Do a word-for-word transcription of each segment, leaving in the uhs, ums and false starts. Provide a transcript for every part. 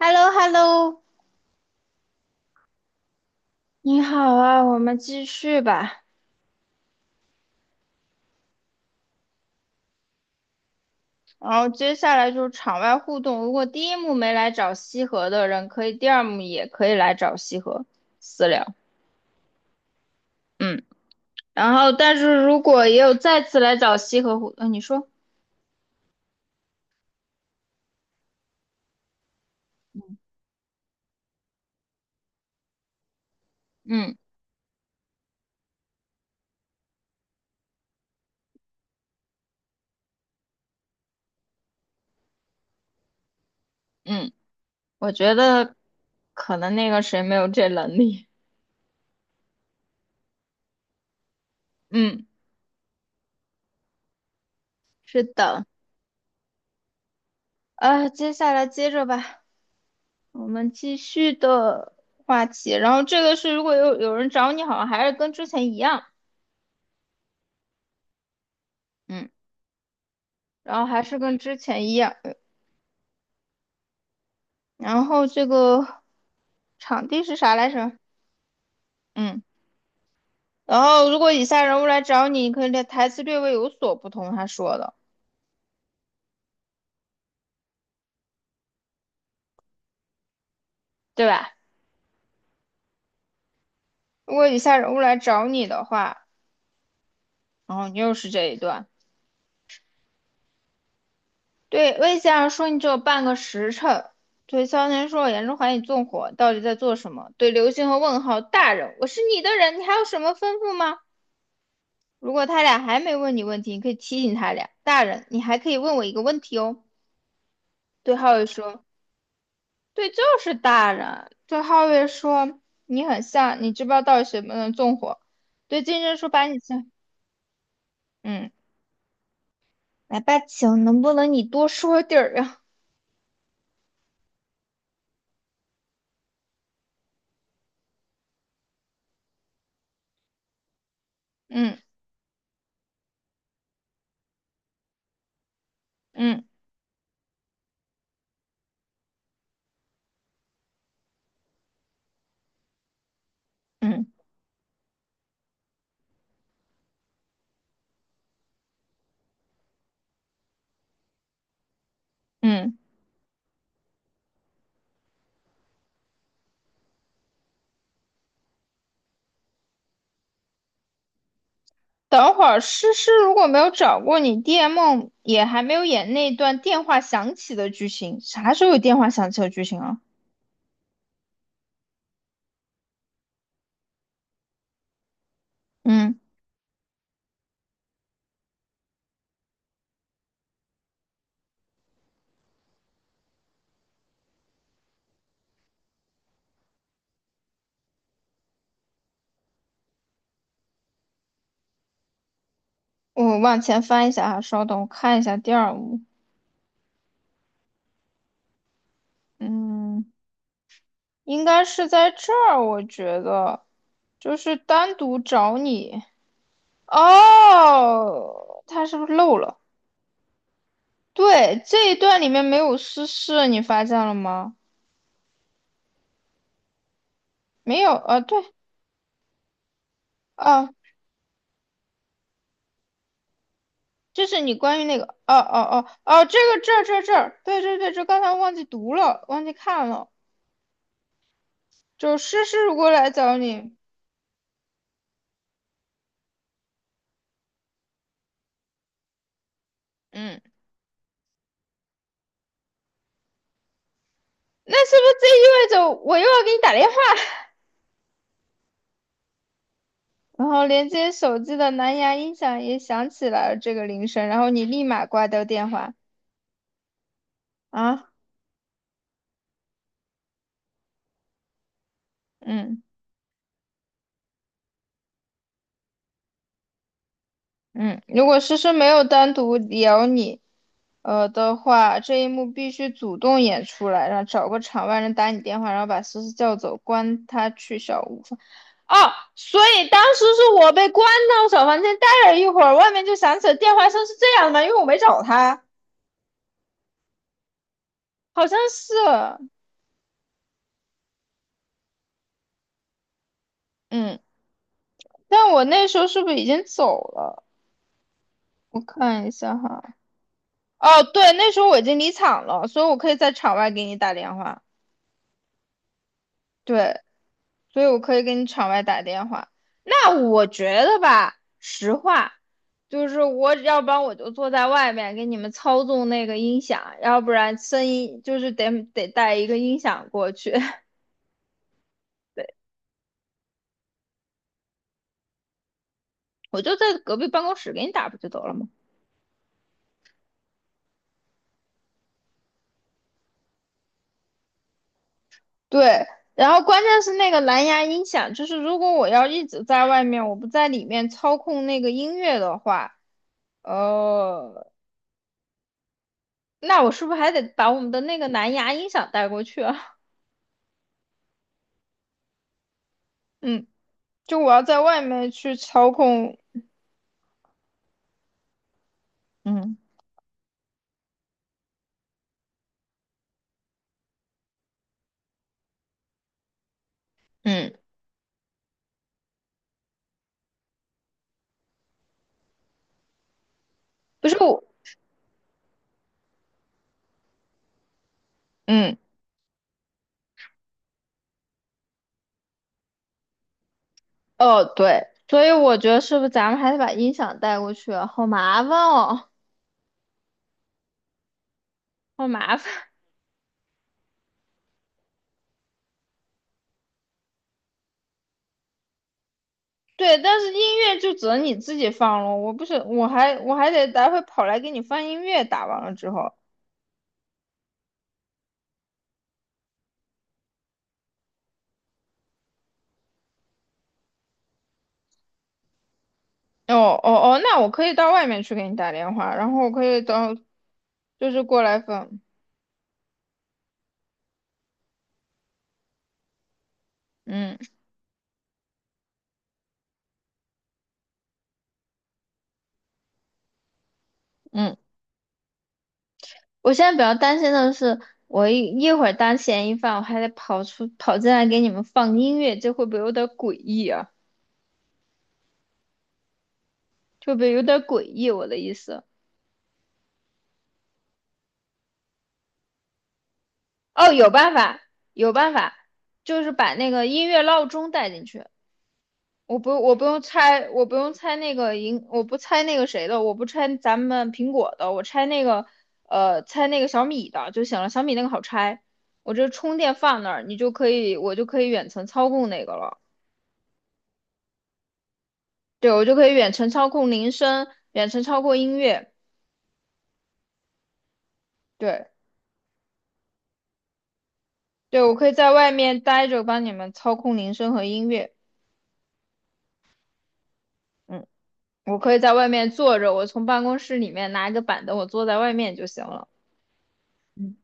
h e l l o h e l l o 你好啊，我们继续吧。然后接下来就是场外互动。如果第一幕没来找西河的人，可以第二幕也可以来找西河私聊。嗯，然后但是如果也有再次来找西河互，呃，你说，嗯嗯，我觉得可能那个谁没有这能力。嗯，是的。呃，接下来接着吧，我们继续的话题。然后这个是如果有有人找你，好像还是跟之前一样。嗯。然后还是跟之前一样，嗯然后这个场地是啥来着？嗯，然后如果以下人物来找你，可以略台词略微有所不同，他说的，对吧？如果以下人物来找你的话，然后你又是这一段，对，魏先生说你只有半个时辰，对萧炎说我严重怀疑你纵火，到底在做什么？对刘星和问号大人，我是你的人，你还有什么吩咐吗？如果他俩还没问你问题，你可以提醒他俩。大人，你还可以问我一个问题哦。对浩宇说：“对，就是大人。对哈月说：“你很像，你知不知道到底谁不能纵火？”对金针说：“把你像……嗯，来吧，请能不能你多说点儿呀？嗯嗯嗯嗯。等会儿诗诗如果没有找过你，d M 也还没有演那段电话响起的剧情。啥时候有电话响起的剧情啊？嗯，我往前翻一下啊，稍等，我看一下第二幕。嗯。”应该是在这儿，我觉得，就是单独找你。哦，他是不是漏了？对，这一段里面没有私事，你发现了吗？没有，呃，对，啊，这是你关于那个，哦哦哦哦，这个这儿这儿这儿，对对对，这刚才忘记读了，忘记看了，就是诗诗如果来找你，嗯，那是不是这意味着我又要给你打电话？然后连接手机的蓝牙音响也响起来了这个铃声，然后你立马挂掉电话啊，嗯嗯，如果诗诗没有单独聊你，呃的话，这一幕必须主动演出来，然后找个场外人打你电话，然后把思思叫走，关他去小屋房哦，所以当时是我被关到小房间待了一会儿，外面就响起了电话声，是这样的吗？因为我没找他，好像是，嗯，但我那时候是不是已经走了？我看一下哈。哦，对，那时候我已经离场了，所以我可以在场外给你打电话。对，所以我可以给你场外打电话。那我觉得吧，实话，就是我要不然我就坐在外面给你们操纵那个音响，要不然声音就是得得带一个音响过去。对，我就在隔壁办公室给你打不就得了吗？对。然后关键是那个蓝牙音响，就是如果我要一直在外面，我不在里面操控那个音乐的话，哦，那我是不是还得把我们的那个蓝牙音响带过去啊？嗯，就我要在外面去操控，嗯嗯，不是我，嗯哦对，所以我觉得是不是咱们还得把音响带过去啊好麻烦哦，好麻烦。对，但是音乐就只能你自己放了，我不是，我还我还得待会跑来给你放音乐，打完了之后，哦哦哦，那我可以到外面去给你打电话，然后我可以到，就是过来放，嗯嗯。我现在比较担心的是，我一一会儿当嫌疑犯，我还得跑出跑进来给你们放音乐，这会不会有点诡异啊？这会不会有点诡异？我的意思，哦，有办法，有办法，就是把那个音乐闹钟带进去。我不，我不用拆，我不用拆那个银，我不拆那个谁的，我不拆咱们苹果的，我拆那个，呃，拆那个小米的就行了。小米那个好拆，我这充电放那儿，你就可以，我就可以远程操控那个了。对，我就可以远程操控铃声，远程操控音乐。对，对，我可以在外面待着，帮你们操控铃声和音乐。嗯，我可以在外面坐着，我从办公室里面拿一个板凳，我坐在外面就行了。嗯，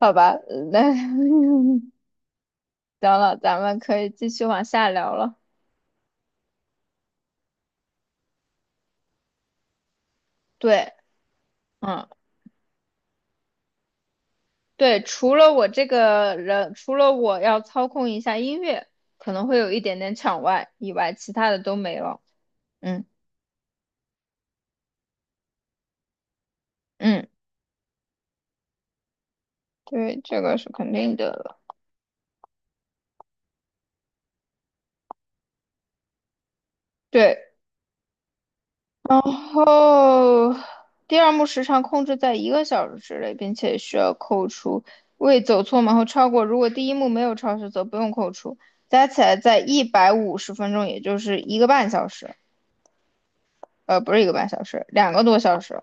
好吧，呃那 行了，咱们可以继续往下聊了。对，嗯，对，除了我这个人，除了我要操控一下音乐，可能会有一点点抢外以外，其他的都没了。嗯嗯，对，这个是肯定的。了。对，然后第二幕时长控制在一个小时之内，并且需要扣除未走错门或超过。如果第一幕没有超时，则不用扣除，加起来在一百五十分钟，也就是一个半小时。呃，不是一个半小时，两个多小时，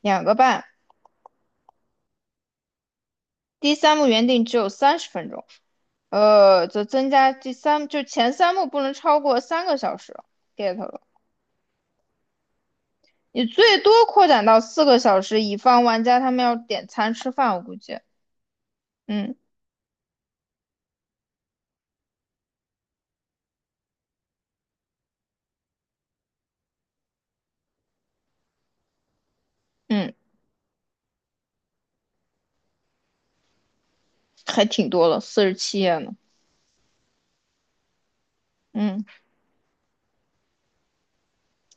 两个半。第三幕原定只有三十分钟，呃，则增加第三，就前三幕不能超过三个小时。get 了，你最多扩展到四个小时，以防玩家他们要点餐吃饭，我估计。嗯。嗯，还挺多了，四十七页呢。嗯，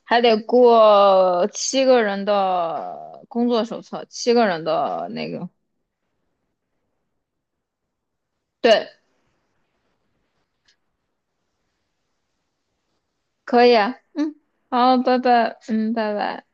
还得过七个人的工作手册，七个人的那个，对，可以啊嗯，好，拜拜。嗯，拜拜。